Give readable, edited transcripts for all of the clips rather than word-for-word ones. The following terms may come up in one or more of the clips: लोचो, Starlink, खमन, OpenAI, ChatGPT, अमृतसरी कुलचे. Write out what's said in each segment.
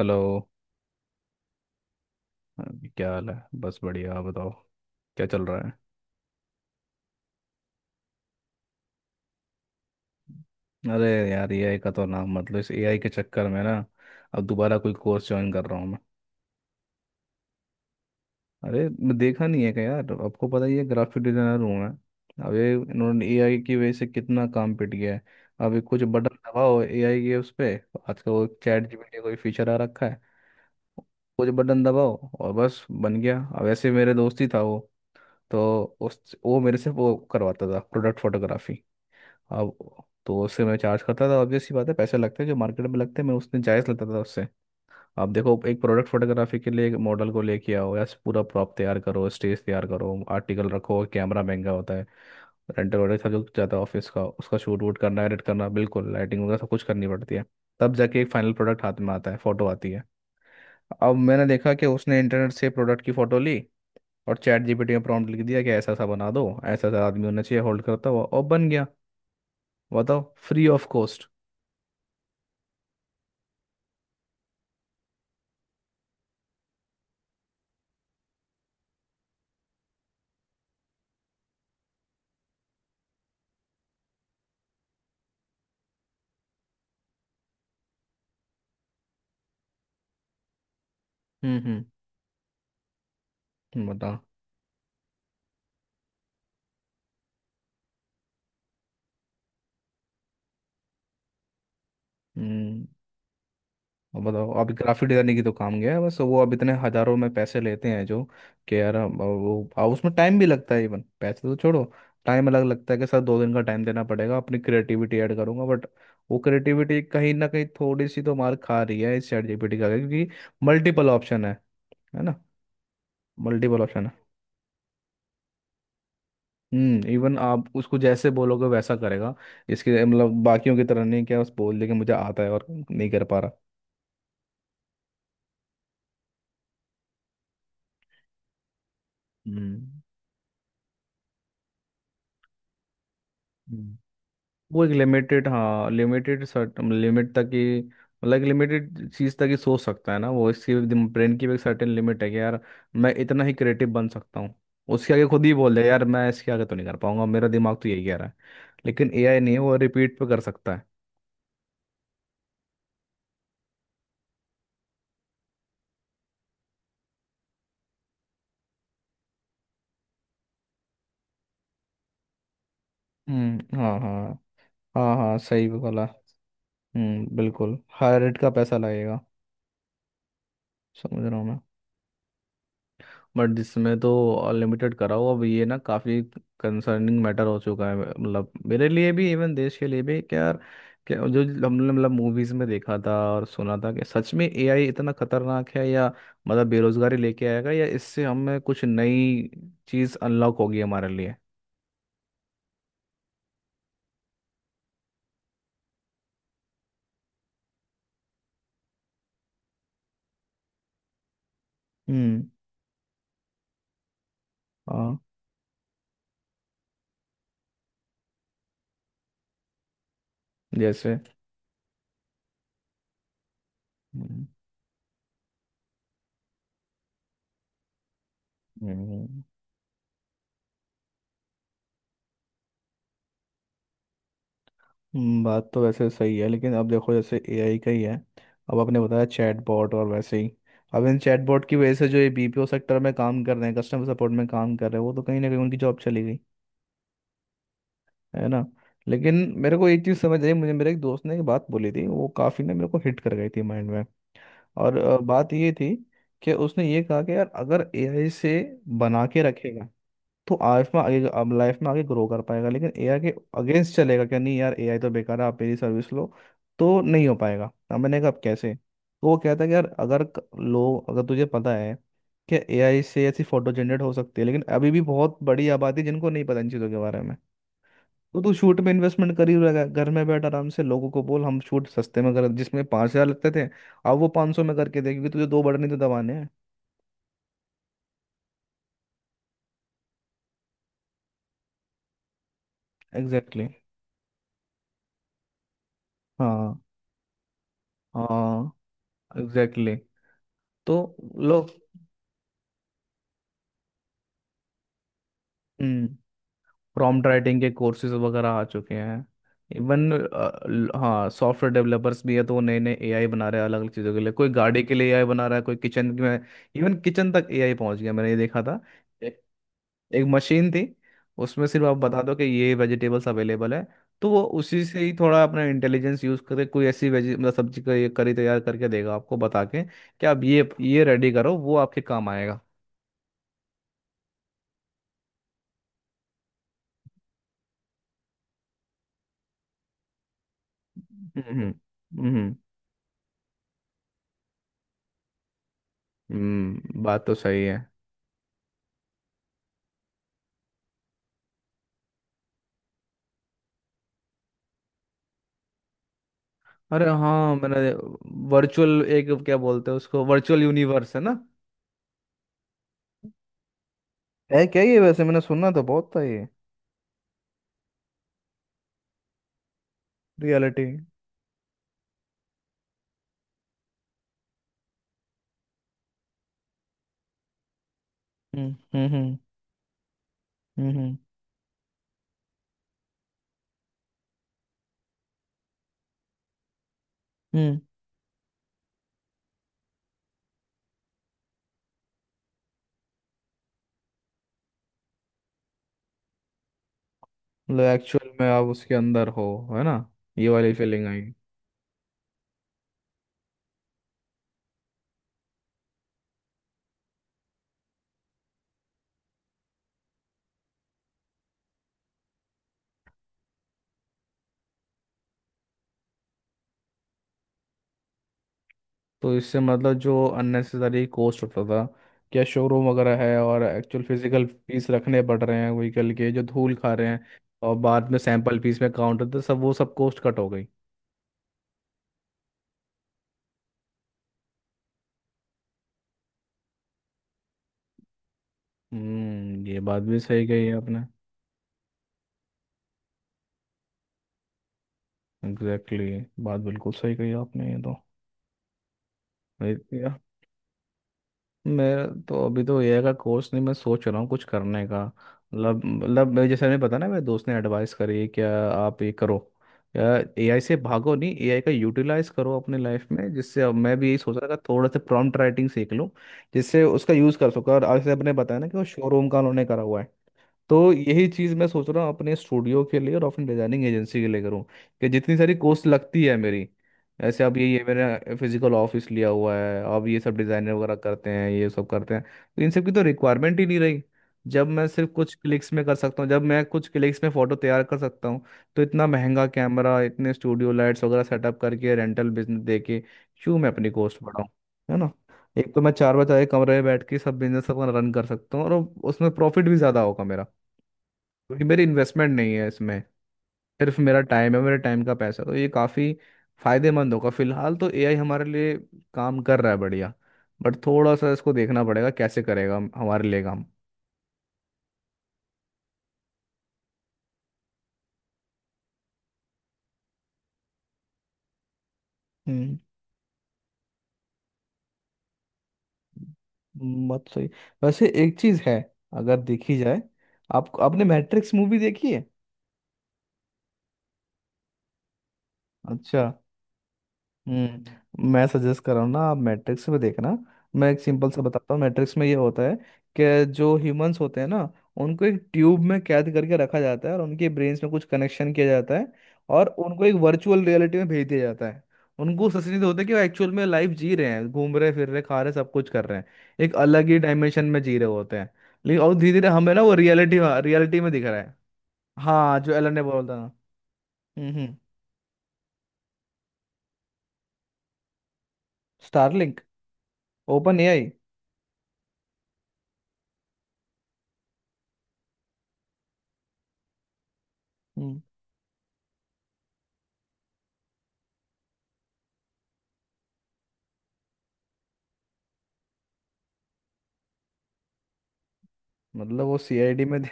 Hello. क्या हाल है? बस बढ़िया, आप बताओ। क्या चल रहा है? अरे यार, एआई का तो नाम, मतलब इस एआई के चक्कर में ना अब दोबारा कोई कोर्स ज्वाइन कर रहा हूँ मैं। अरे मैं देखा नहीं है क्या यार, आपको पता ही है ग्राफिक डिजाइनर हूँ मैं। अब ये इन्होंने एआई की वजह से कितना काम पिट गया है। अब ये कुछ बटन दबाओ एआई के उस पे। आजकल वो चैट जीपीटी कोई फीचर आ रखा है, कुछ बटन दबाओ और बस बन गया। अब ऐसे मेरे दोस्त ही था वो, तो उस वो मेरे से वो करवाता था प्रोडक्ट फोटोग्राफी। अब, तो उससे मैं चार्ज करता था, ऑब्वियस सी बात है पैसे लगते हैं जो मार्केट में लगते हैं, मैं उसने जायज़ लेता था उससे। अब देखो, एक प्रोडक्ट फोटोग्राफी के लिए एक मॉडल को लेके आओ, या पूरा प्रॉप तैयार करो, स्टेज तैयार करो, आर्टिकल रखो, कैमरा महंगा होता है, रेंटल वेंटल सब जो जाता है ऑफिस का, उसका शूट वूट करना, एडिट करना, बिल्कुल लाइटिंग वगैरह सब कुछ करनी पड़ती है। तब जाके एक फाइनल प्रोडक्ट हाथ में आता है, फोटो आती है। अब मैंने देखा कि उसने इंटरनेट से प्रोडक्ट की फ़ोटो ली और चैट जीपीटी में प्रॉम्प्ट लिख दिया कि ऐसा ऐसा बना दो, ऐसा ऐसा आदमी होना चाहिए होल्ड करता हुआ, और बन गया। बताओ, फ्री ऑफ कॉस्ट। हम्म। हम्म। बताओ। हम्म। अब बताओ, अब ग्राफिक डिजाइनिंग की तो काम गया है बस वो, अब इतने हजारों में पैसे लेते हैं जो, कि यार अब वो, अब उसमें टाइम भी लगता है, इवन पैसे तो छोड़ो, टाइम अलग लगता है कि सर 2 दिन का टाइम देना पड़ेगा, अपनी क्रिएटिविटी ऐड करूंगा, बट वो क्रिएटिविटी कहीं ना कहीं थोड़ी सी तो मार खा रही है इस चैट जीपीटी का, क्योंकि मल्टीपल ऑप्शन है ना? मल्टीपल ऑप्शन है। हम्म, इवन आप उसको जैसे बोलोगे वैसा करेगा इसके, मतलब बाकियों की तरह नहीं क्या बस बोल दे कि मुझे आता है और नहीं कर पा रहा। हम्म, वो एक लिमिटेड, हाँ लिमिटेड सर्टन लिमिट तक ही, मतलब एक लिमिटेड चीज़ तक ही सोच सकता है ना वो, इसकी ब्रेन की भी एक सर्टेन लिमिट है कि यार मैं इतना ही क्रिएटिव बन सकता हूँ, उसके आगे खुद ही बोल दे यार मैं इसके आगे तो नहीं कर पाऊंगा, मेरा दिमाग तो यही कह रहा है। लेकिन एआई नहीं है, वो रिपीट पे कर सकता है। हम्म। हाँ हाँ। हाँ हाँ, सही बोला। हम्म, बिल्कुल हायर रेट का पैसा लगेगा। समझ रहा हूँ मैं, बट इसमें तो अनलिमिटेड कराओ। अब ये ना काफ़ी कंसर्निंग मैटर हो चुका है मतलब मेरे लिए भी, इवन देश के लिए भी। क्या यार, क्या जो हमने मतलब मूवीज़ में देखा था और सुना था कि सच में एआई इतना खतरनाक है, या मतलब बेरोजगारी लेके आएगा, या इससे हमें कुछ नई चीज़ अनलॉक होगी हमारे लिए? हम्म, हाँ, जैसे। हम्म, हम्म। बात तो वैसे सही है, लेकिन अब देखो जैसे एआई का ही है, अब आपने बताया चैटबॉट, और वैसे ही अब इन चैटबॉट की वजह से जो ये बीपीओ सेक्टर में काम कर रहे हैं, कस्टमर सपोर्ट में काम कर रहे हैं, वो तो कहीं ना कहीं उनकी जॉब चली गई, है ना? लेकिन मेरे को एक चीज़ समझ आई, मुझे मेरे एक दोस्त ने एक बात बोली थी, वो काफ़ी ना मेरे को हिट कर गई थी माइंड में। और बात ये थी कि उसने ये कहा कि यार अगर एआई से बना के रखेगा तो आइफ में आगे, अब लाइफ में आगे ग्रो कर पाएगा, लेकिन एआई के अगेंस्ट चलेगा क्या, नहीं यार एआई तो बेकार है आप मेरी सर्विस लो, तो नहीं हो पाएगा। अब मैंने कहा अब कैसे, तो वो कहता है कि यार अगर लोग अगर तुझे पता है कि एआई से ऐसी फोटो जनरेट हो सकती है, लेकिन अभी भी बहुत बड़ी आबादी है जिनको नहीं पता इन चीज़ों के बारे में, तो तू शूट में इन्वेस्टमेंट कर ही रहेगा, घर में बैठ आराम से लोगों को बोल हम शूट सस्ते में कर, जिसमें 5,000 लगते थे अब वो 500 में करके दे, क्योंकि तुझे दो बटन ही तो दबाने हैं। Exactly exactly। हाँ हाँ। Exactly exactly। तो लो, हम्म, प्रॉम्प्ट राइटिंग के कोर्सेज वगैरह आ चुके हैं। इवन हाँ, सॉफ्टवेयर डेवलपर्स भी है तो वो नए नए एआई बना रहे हैं, अलग अलग चीज़ों के लिए, कोई गाड़ी के लिए एआई बना रहा है, कोई किचन में। इवन किचन तक एआई पहुंच गया, मैंने ये देखा था। एक, एक मशीन थी, उसमें सिर्फ आप बता दो कि ये वेजिटेबल्स अवेलेबल है, तो वो उसी से ही थोड़ा अपना इंटेलिजेंस यूज करके कोई ऐसी वेजी मतलब सब्जी का ये करी तैयार करके देगा, आपको बता के कि आप ये रेडी करो, वो आपके काम आएगा। हम्म हम्म हम्म। बात तो सही है। अरे हाँ, मैंने, वर्चुअल एक क्या बोलते हैं उसको, वर्चुअल यूनिवर्स है ना, है क्या ये? वैसे मैंने सुना तो बहुत था ये। रियलिटी। हम्म हम्म हम्म हम्म। हम्म। मतलब एक्चुअल में आप उसके अंदर हो, है ना? ये वाली फीलिंग आई। तो इससे मतलब जो अननेसेसरी कॉस्ट होता था, क्या शोरूम वगैरह है, और एक्चुअल फिजिकल पीस रखने पड़ रहे हैं व्हीकल के जो धूल खा रहे हैं, और बाद में सैंपल पीस में काउंट होता है, सब वो सब कॉस्ट कट हो गई। हम्म, ये बात भी सही कही है आपने। Exactly exactly। बात बिल्कुल सही कही आपने, ये तो नहीं किया। मेरा तो अभी तो ये का कोर्स नहीं, मैं सोच रहा हूँ कुछ करने का मतलब, मतलब जैसे मैंने पता ना मेरे दोस्त ने एडवाइस करी क्या आप ये करो, एआई से भागो नहीं, एआई का यूटिलाइज करो अपने लाइफ में, जिससे अब मैं भी यही सोच रहा था थोड़ा सा प्रॉम्प्ट राइटिंग सीख लूँ जिससे उसका यूज़ कर सकूँ। और जैसे आपने बताया ना कि वो शोरूम का उन्होंने करा हुआ है, तो यही चीज़ मैं सोच रहा हूँ अपने स्टूडियो के लिए और अपनी डिजाइनिंग एजेंसी के लिए करूँ, कि जितनी सारी कोर्स लगती है मेरी, ऐसे अब ये मेरा फिजिकल ऑफिस लिया हुआ है, अब ये सब डिज़ाइनर वगैरह करते हैं ये सब करते हैं, तो इन सब की तो रिक्वायरमेंट ही नहीं रही जब मैं सिर्फ कुछ क्लिक्स में कर सकता हूँ, जब मैं कुछ क्लिक्स में फ़ोटो तैयार कर सकता हूँ, तो इतना महंगा कैमरा, इतने स्टूडियो लाइट्स वगैरह सेटअप करके रेंटल बिजनेस दे के क्यों मैं अपनी कॉस्ट बढ़ाऊँ, है ना? एक तो मैं 4 बजे एक कमरे में बैठ के सब बिजनेस अपना रन कर सकता हूँ, और उसमें प्रॉफिट भी ज़्यादा होगा मेरा, क्योंकि मेरी इन्वेस्टमेंट नहीं है इसमें, सिर्फ मेरा टाइम है, मेरे टाइम का पैसा, तो ये काफ़ी फायदेमंद होगा फिलहाल तो, एआई हमारे लिए काम कर रहा है, बढ़िया। बट थोड़ा सा इसको देखना पड़ेगा कैसे करेगा हमारे लिए काम। हम्म, बात सही। वैसे एक चीज है, अगर देखी जाए, आप आपने मैट्रिक्स मूवी देखी है? अच्छा। हम्म, मैं सजेस्ट कर रहा हूँ ना, आप मैट्रिक्स में देखना। मैं एक सिंपल सा बताता हूँ, मैट्रिक्स में ये होता है कि जो ह्यूमंस होते हैं ना, उनको एक ट्यूब में कैद करके रखा जाता है और उनके ब्रेन्स में कुछ कनेक्शन किया जाता है, और उनको एक वर्चुअल रियलिटी में भेज दिया जाता है। उनको सचेत होता है कि वो एक्चुअल में लाइफ जी रहे हैं, घूम रहे फिर रहे खा रहे सब कुछ कर रहे हैं, एक अलग ही डायमेंशन में जी रहे होते हैं। लेकिन और धीरे धीरे हमें ना वो रियलिटी, रियलिटी में दिख रहा है। हाँ, जो एलन ने बोला था। हम्म। स्टारलिंक। OpenAI. मतलब वो सीआईडी में दे...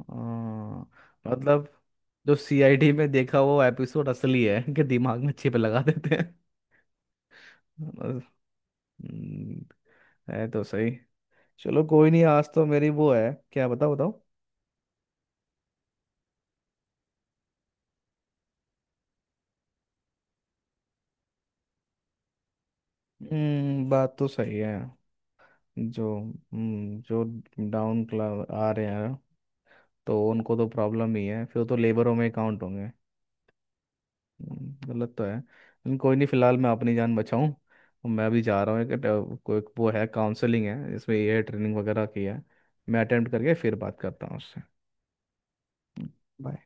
हाँ, मतलब जो सीआईडी में देखा वो एपिसोड असली है कि दिमाग में चिप लगा देते हैं? बस, हम्म, है तो सही। चलो कोई नहीं, आज तो मेरी वो है, क्या? बताओ बताओ। हम्म, बात तो सही है। जो जो डाउन क्लास आ रहे हैं, तो उनको तो प्रॉब्लम ही है फिर, तो लेबरों में काउंट होंगे। गलत तो है लेकिन कोई नहीं, फिलहाल मैं अपनी जान बचाऊं। मैं भी जा रहा हूँ कोई वो है काउंसलिंग है, इसमें ये ट्रेनिंग वगैरह की है। मैं अटेम्प्ट करके फिर बात करता हूँ उससे। हम्म, bye।